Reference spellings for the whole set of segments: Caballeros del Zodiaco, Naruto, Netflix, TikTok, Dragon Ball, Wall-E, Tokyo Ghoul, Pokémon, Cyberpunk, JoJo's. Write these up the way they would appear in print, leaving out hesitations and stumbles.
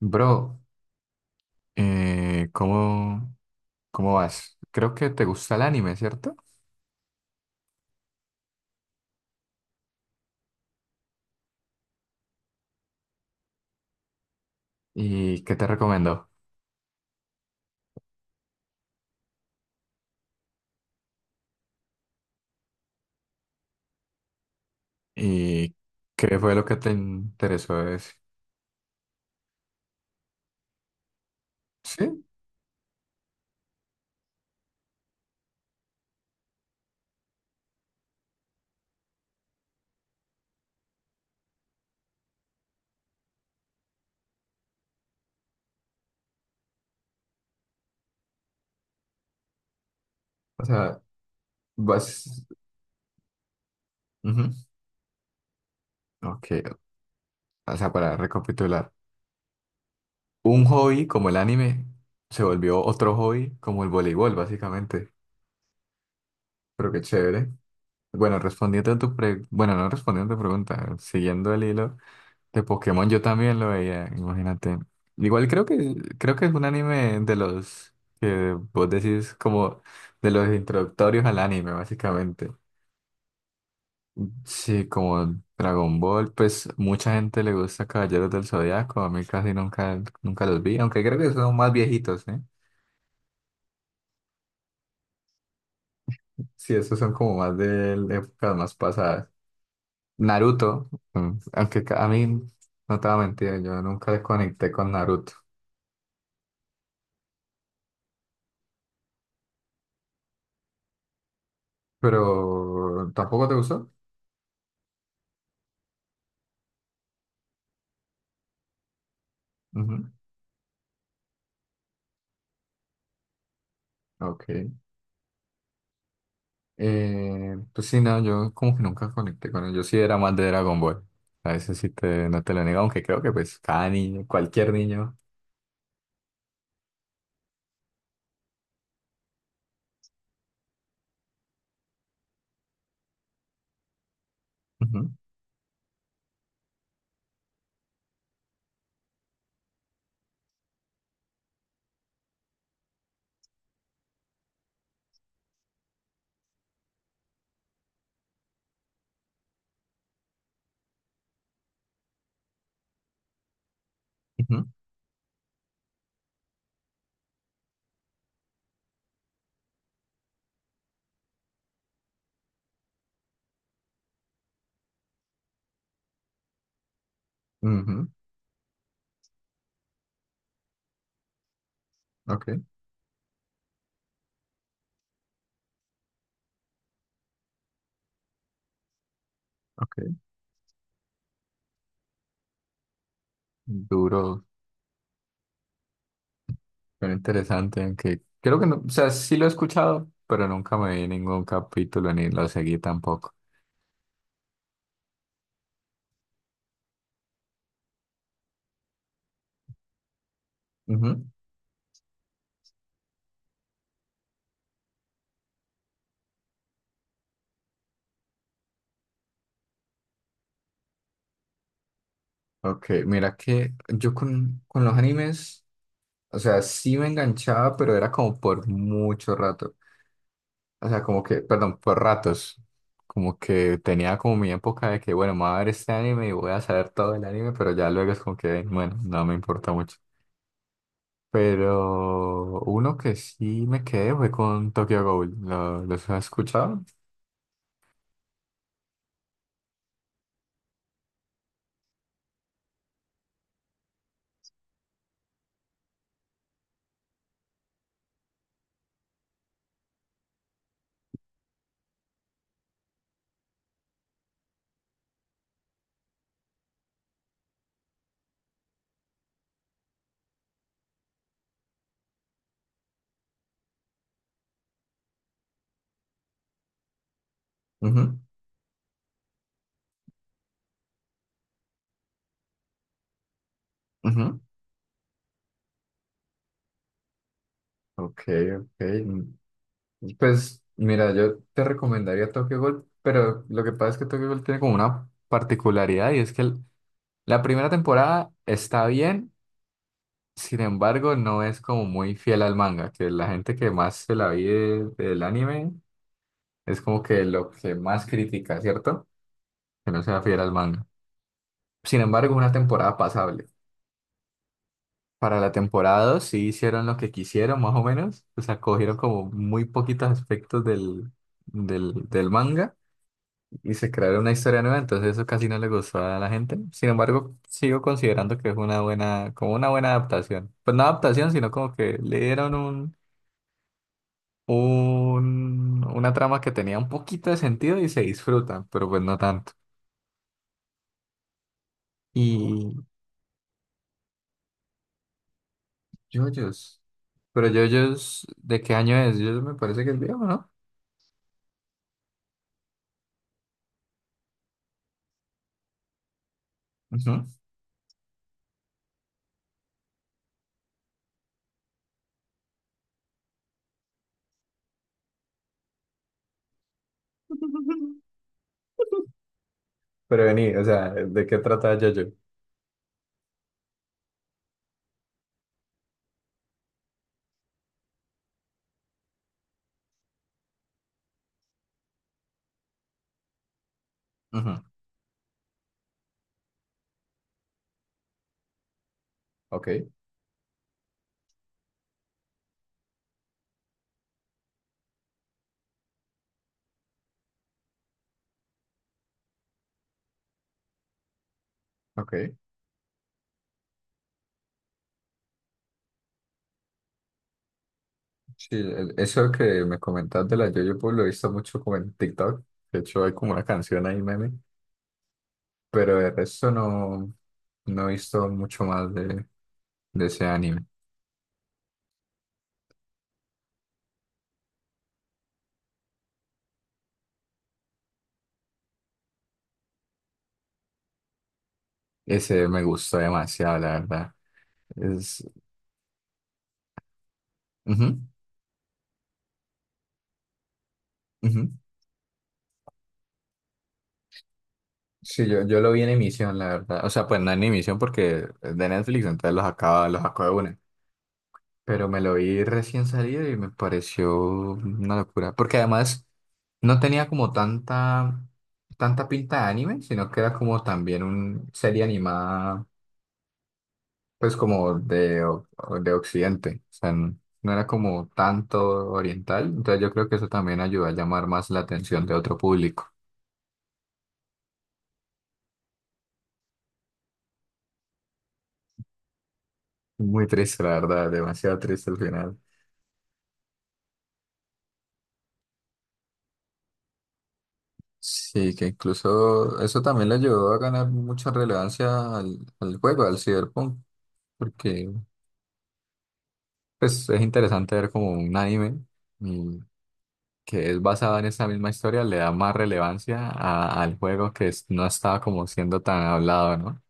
Bro, eh, ¿cómo, cómo vas? Creo que te gusta el anime, ¿cierto? ¿Y qué te recomendó? ¿Y qué fue lo que te interesó de ese? ¿Sí? O sea, vas... Ujú. Ok, o sea, para recapitular, un hobby como el anime se volvió otro hobby como el voleibol, básicamente. Pero qué chévere. Bueno, respondiendo a tu pre... Bueno, no respondiendo a tu pregunta, siguiendo el hilo. De Pokémon yo también lo veía, imagínate. Igual creo que es un anime de los que vos decís como de los introductorios al anime, básicamente. Sí, como Dragon Ball, pues mucha gente le gusta Caballeros del Zodiaco, a mí casi nunca, nunca los vi, aunque creo que son más viejitos, ¿eh? Sí, esos son como más de épocas más pasadas. Naruto, mm, aunque ca- a mí, no te voy a mentir, yo nunca desconecté con Naruto, pero ¿tampoco te gustó? Ok. Pues sí, no, yo como que nunca conecté con él. Yo sí era más de Dragon Ball. A veces sí te, no te lo niego, aunque creo que pues cada niño, cualquier niño. Ujú, ujú, ujú. Ok, ok. Duro, pero interesante, aunque creo que no, o sea, sí lo he escuchado, pero nunca me vi ningún capítulo ni lo seguí tampoco. Ujú. Ok, mira que yo con los animes, o sea, sí me enganchaba, pero era como por mucho rato. O sea, como que, perdón, por ratos. Como que tenía como mi época de que, bueno, me voy a ver este anime y voy a saber todo del anime, pero ya luego es como que, bueno, no me importa mucho. Pero uno que sí me quedé fue con Tokyo Ghoul. ¿Lo- ¿Los has escuchado? Ujú, ujú. Ok, ok. Mm, pues mira, yo te recomendaría Tokyo Ghoul, pero lo que pasa es que Tokyo Ghoul tiene como una particularidad y es que el- la primera temporada está bien. Sin embargo, no es como muy fiel al manga, que la gente que más se la vive del anime es como que lo que más critica, ¿cierto? Que no sea fiel al manga. Sin embargo, una temporada pasable. Para la temporada 2 sí hicieron lo que quisieron, más o menos. O sea, cogieron como muy poquitos aspectos del manga y se crearon una historia nueva, entonces eso casi no le gustó a la gente. Sin embargo, sigo considerando que es una buena, como una buena adaptación. Pues no adaptación, sino como que le dieron un- una trama que tenía un poquito de sentido y se disfruta, pero pues no tanto. Y JoJo's. Pero JoJo's, ¿de qué año es? JoJo's me parece que es viejo, ¿no? Ujú. Pero vení, o sea, ¿de qué trata JoJo? Ujú. Ok, ok. Sí, el- eso que me comentas de la JoJo, pues lo he visto mucho como en TikTok. De hecho, hay como una canción ahí, meme. Pero de resto no, no he visto mucho más de ese anime. Ese me gustó demasiado, la verdad. Es... ujú, ujú. Sí, yo lo vi en emisión, la verdad. O sea, pues no en emisión porque es de Netflix, entonces los acaba, los sacó de una. Pero me lo vi recién salido y me pareció una locura. Porque además no tenía como tanta, tanta pinta de anime, sino que era como también una serie animada, pues como de, o de Occidente. O sea, n- no era como tanto oriental. Entonces yo creo que eso también ayuda a llamar más la atención de otro público. Muy triste, la verdad, demasiado triste al final. Sí, que incluso eso también le ayudó a ganar mucha relevancia al juego, al Cyberpunk, porque pues es interesante ver como un anime y que es basado en esa misma historia, le da más relevancia a- al juego que es- no estaba como siendo tan hablado, ¿no?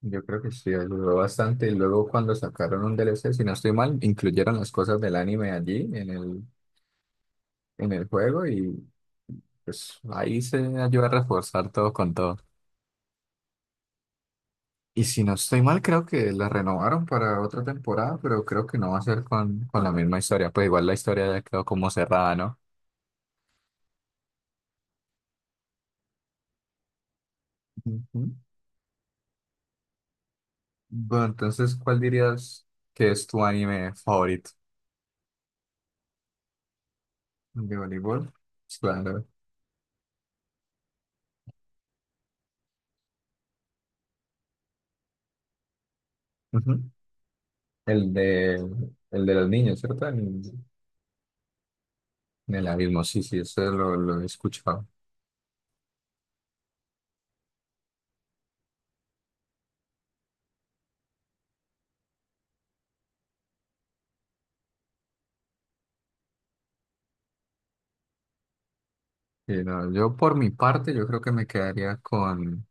Yo creo que sí, ayudó bastante. Y luego cuando sacaron un DLC, si no estoy mal, incluyeron las cosas del anime allí en el juego. Pues ahí se ayuda a reforzar todo con todo. Y si no estoy mal, creo que la renovaron para otra temporada, pero creo que no va a ser con la misma historia. Pues igual la historia ya quedó como cerrada, ¿no? Ujú. Bueno, entonces, ¿cuál dirías que es tu anime favorito? ¿De voleibol? Pues, claro. Ujú. El de, el de los niños, ¿cierto? En el abismo, sí, sí, eso lo he escuchado. Sí, no, yo por mi parte, yo creo que me quedaría con...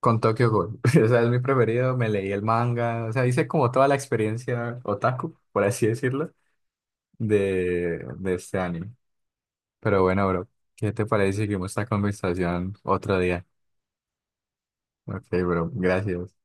con Tokyo Ghoul. O sea, es mi preferido. Me leí el manga. O sea, hice como toda la experiencia otaku, por así decirlo, de este anime. Pero bueno, bro, ¿qué te parece si seguimos esta conversación otro día? Ok, bro, gracias.